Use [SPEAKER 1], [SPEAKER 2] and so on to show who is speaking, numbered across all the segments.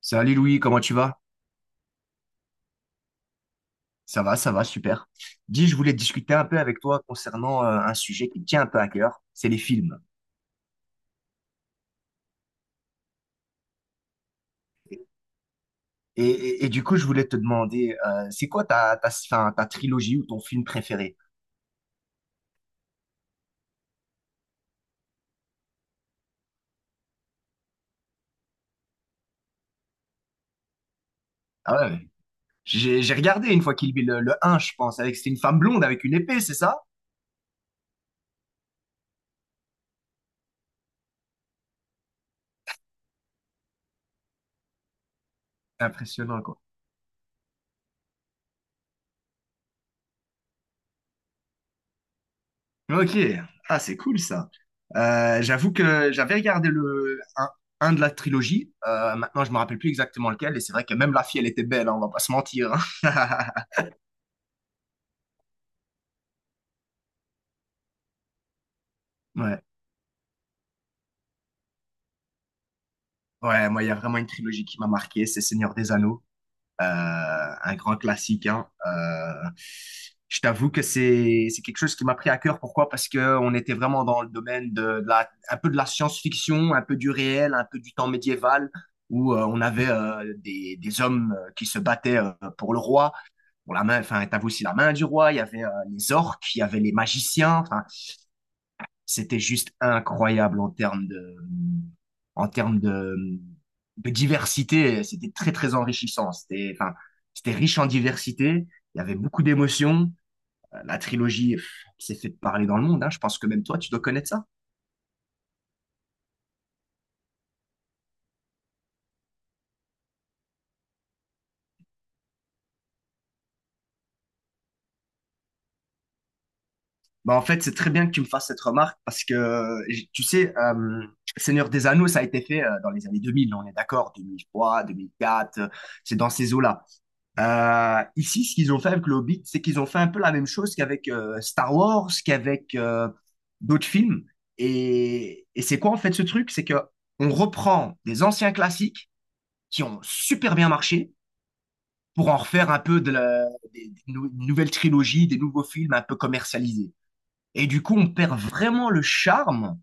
[SPEAKER 1] Salut Louis, comment tu vas? Ça va, super. Dis, je voulais discuter un peu avec toi concernant un sujet qui me tient un peu à cœur, c'est les films. Et du coup, je voulais te demander, c'est quoi ta trilogie ou ton film préféré? Ah ouais, j'ai regardé une fois Kill Bill, le un, je pense, avec c'était une femme blonde avec une épée, c'est ça? Impressionnant, quoi. Ok, ah, c'est cool ça. J'avoue que j'avais regardé le un de la trilogie. Maintenant je me rappelle plus exactement lequel, et c'est vrai que même la fille, elle était belle, hein, on va pas se mentir, hein. Ouais, ouais, moi, il y a vraiment une trilogie qui m'a marqué, c'est Seigneur des Anneaux. Euh, un grand classique, hein. Je t'avoue que c'est quelque chose qui m'a pris à cœur. Pourquoi? Parce que on était vraiment dans le domaine de la un peu de la science-fiction, un peu du réel, un peu du temps médiéval, où on avait des hommes qui se battaient, pour le roi, pour la main. Enfin, t'avais aussi la main du roi. Il y avait les orques, il y avait les magiciens. Enfin, c'était juste incroyable en termes de diversité. C'était très, très enrichissant. C'était, enfin, c'était riche en diversité. Il y avait beaucoup d'émotions. La trilogie pff, s'est fait parler dans le monde, hein. Je pense que même toi, tu dois connaître ça. Bah, en fait, c'est très bien que tu me fasses cette remarque parce que, tu sais, Seigneur des Anneaux, ça a été fait dans les années 2000. On est d'accord, 2003, 2004. C'est dans ces eaux-là. Ici, ce qu'ils ont fait avec le Hobbit, c'est qu'ils ont fait un peu la même chose qu'avec Star Wars, qu'avec d'autres films. Et c'est quoi en fait ce truc? C'est que on reprend des anciens classiques qui ont super bien marché pour en refaire un peu de la, des, nouvelles trilogies, des nouveaux films un peu commercialisés. Et du coup, on perd vraiment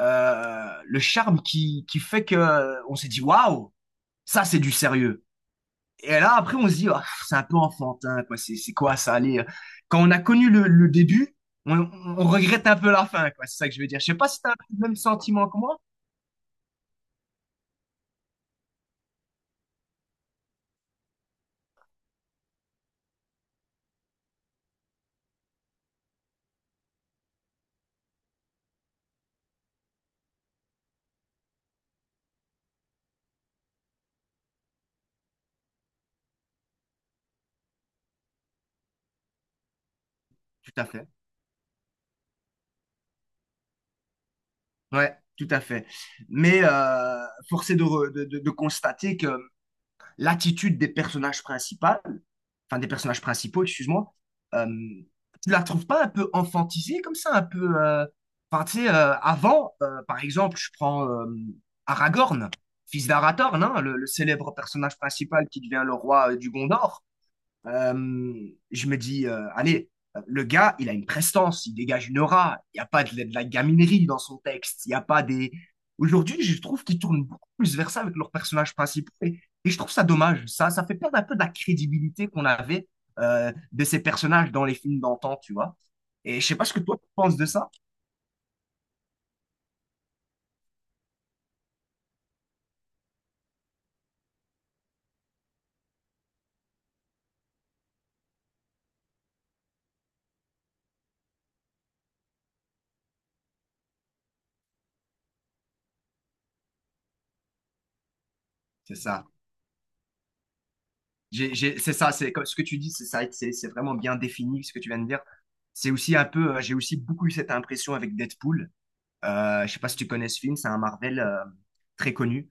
[SPEAKER 1] le charme qui fait que on s'est dit waouh, ça c'est du sérieux. Et là, après, on se dit, ah, c'est un peu enfantin, quoi. C'est quoi ça? Allez, quand on a connu le début, on, on regrette un peu la fin, quoi. C'est ça que je veux dire. Je sais pas si tu as le même sentiment que moi. Tout à fait. Ouais, tout à fait. Mais force est de, de constater que l'attitude des personnages principaux, enfin des personnages principaux, excuse-moi, euh, tu la trouves pas un peu enfantisée comme ça, un peu, enfin tu sais, avant, par exemple, je prends Aragorn, fils d'Arathorn, hein, le célèbre personnage principal qui devient le roi du Gondor. Euh, je me dis, allez, le gars, il a une prestance, il dégage une aura. Il n'y a pas de, de la gaminerie dans son texte. Il n'y a pas des. Aujourd'hui, je trouve qu'ils tournent beaucoup plus vers ça avec leurs personnages principaux. Et je trouve ça dommage. Ça fait perdre un peu de la crédibilité qu'on avait de ces personnages dans les films d'antan, tu vois. Et je sais pas ce que toi tu penses de ça. C'est ça. C'est ça. C'est comme ce que tu dis. C'est ça. C'est vraiment bien défini ce que tu viens de dire. C'est aussi un peu. J'ai aussi beaucoup eu cette impression avec Deadpool. Je sais pas si tu connais ce film, c'est un Marvel très connu.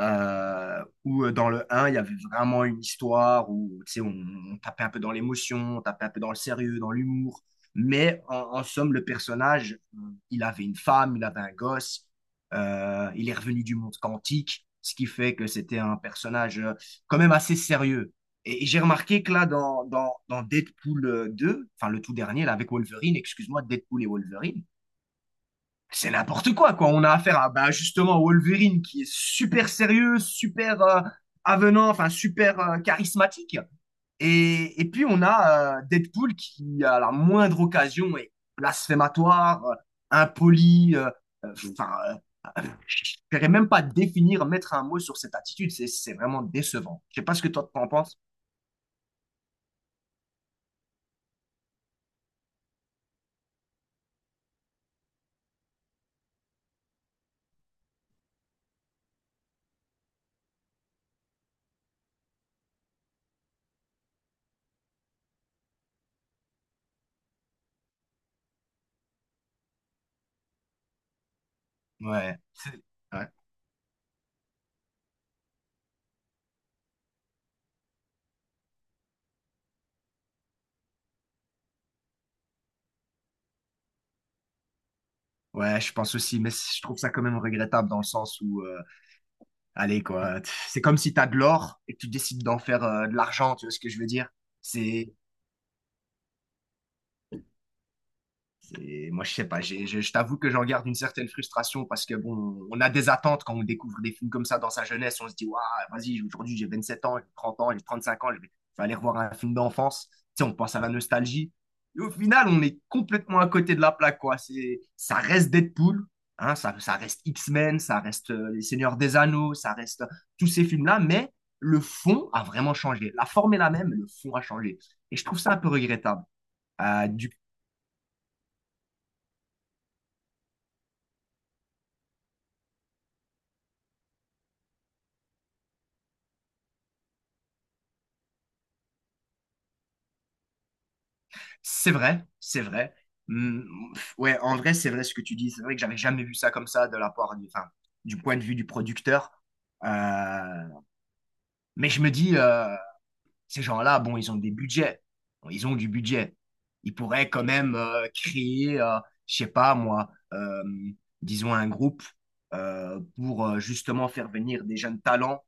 [SPEAKER 1] Où dans le un il y avait vraiment une histoire où tu sais, on tapait un peu dans l'émotion, on tapait un peu dans le sérieux, dans l'humour. Mais en somme, le personnage, il avait une femme, il avait un gosse, il est revenu du monde quantique, ce qui fait que c'était un personnage quand même assez sérieux. Et j'ai remarqué que là, dans Deadpool 2, enfin le tout dernier, là, avec Wolverine, excuse-moi, Deadpool et Wolverine, c'est n'importe quoi, quoi. On a affaire à bah, justement Wolverine qui est super sérieux, super avenant, enfin super charismatique. Et puis on a Deadpool qui, à la moindre occasion, est blasphématoire, impoli. Enfin, je ne saurais même pas définir, mettre un mot sur cette attitude. C'est vraiment décevant. Je sais pas ce que toi t'en penses. Ouais, ouais, ouais, je pense aussi, mais je trouve ça quand même regrettable dans le sens où allez, quoi. C'est comme si tu as de l'or et que tu décides d'en faire de l'argent, tu vois ce que je veux dire? C'est Et moi, je sais pas, je t'avoue que j'en garde une certaine frustration parce que, bon, on a des attentes quand on découvre des films comme ça dans sa jeunesse. On se dit, waouh, vas-y, aujourd'hui, j'ai 27 ans, j'ai 30 ans, j'ai 35 ans, je vais aller revoir un film d'enfance. Tu sais, on pense à la nostalgie. Et au final, on est complètement à côté de la plaque, quoi. C'est, ça reste Deadpool, hein, ça reste X-Men, ça reste Les Seigneurs des Anneaux, ça reste tous ces films-là, mais le fond a vraiment changé. La forme est la même, mais le fond a changé. Et je trouve ça un peu regrettable. Du C'est vrai, c'est vrai. Hmm, ouais, en vrai, c'est vrai ce que tu dis. C'est vrai que j'avais jamais vu ça comme ça de la part du, enfin, du point de vue du producteur. Euh, mais je me dis, ces gens-là, bon, ils ont des budgets. Bon, ils ont du budget. Ils pourraient quand même créer, je sais pas moi, disons un groupe pour justement faire venir des jeunes talents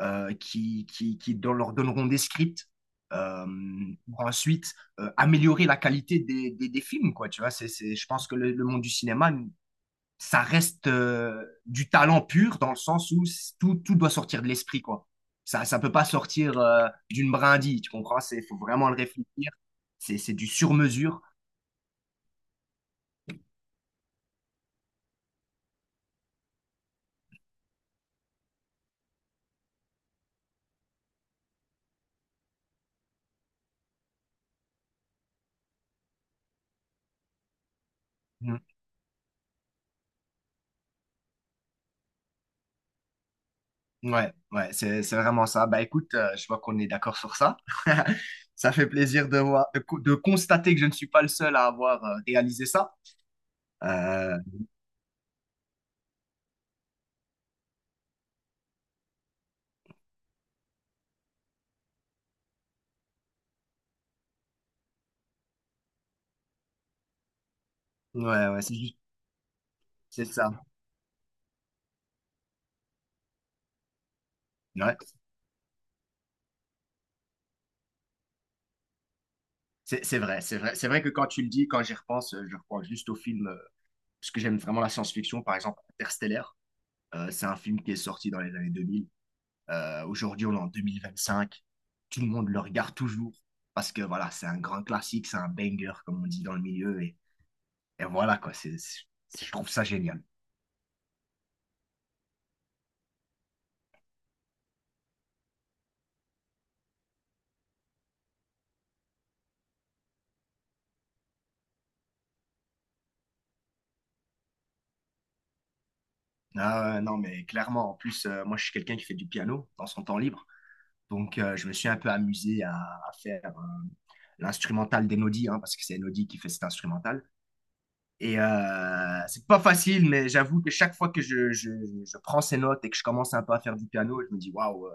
[SPEAKER 1] qui, leur donneront des scripts euh, pour ensuite améliorer la qualité des films, quoi. Tu vois, c'est, je pense que le monde du cinéma ça reste du talent pur dans le sens où tout, tout doit sortir de l'esprit, quoi. Ça peut pas sortir d'une brindille, tu comprends? C'est, faut vraiment le réfléchir. C'est du sur-mesure. Mm. Ouais, ouais, c'est vraiment ça. Bah écoute, je vois qu'on est d'accord sur ça. Ça fait plaisir de voir, de, de constater que je ne suis pas le seul à avoir réalisé ça. Euh, ouais, ouais, c'est juste, c'est ça. Ouais, c'est vrai, c'est vrai. C'est vrai que quand tu le dis, quand j'y repense, je repense juste au film parce que j'aime vraiment la science-fiction, par exemple Interstellar. C'est un film qui est sorti dans les années 2000. Aujourd'hui, on est en 2025. Tout le monde le regarde toujours parce que voilà, c'est un grand classique, c'est un banger, comme on dit dans le milieu. Et voilà, quoi, je trouve ça génial. Ah, ouais, non, mais clairement, en plus, moi, je suis quelqu'un qui fait du piano dans son temps libre. Donc, je me suis un peu amusé à faire l'instrumental d'Enodi, hein, parce que c'est Enodi qui fait cet instrumental. Et c'est pas facile, mais j'avoue que chaque fois que je prends ces notes et que je commence un peu à faire du piano, je me dis waouh,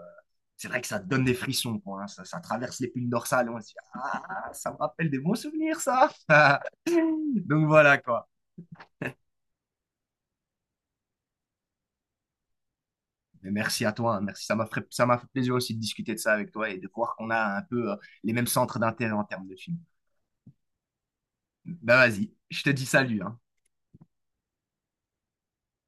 [SPEAKER 1] c'est vrai que ça donne des frissons, quoi, hein. Ça traverse les piles dorsales. On se dit ah, ça me rappelle des bons souvenirs, ça. Donc voilà quoi. Mais merci à toi, hein, merci. Ça m'a fait plaisir aussi de discuter de ça avec toi et de voir qu'on a un peu les mêmes centres d'intérêt en termes de films. Ben vas-y, je te dis salut, hein.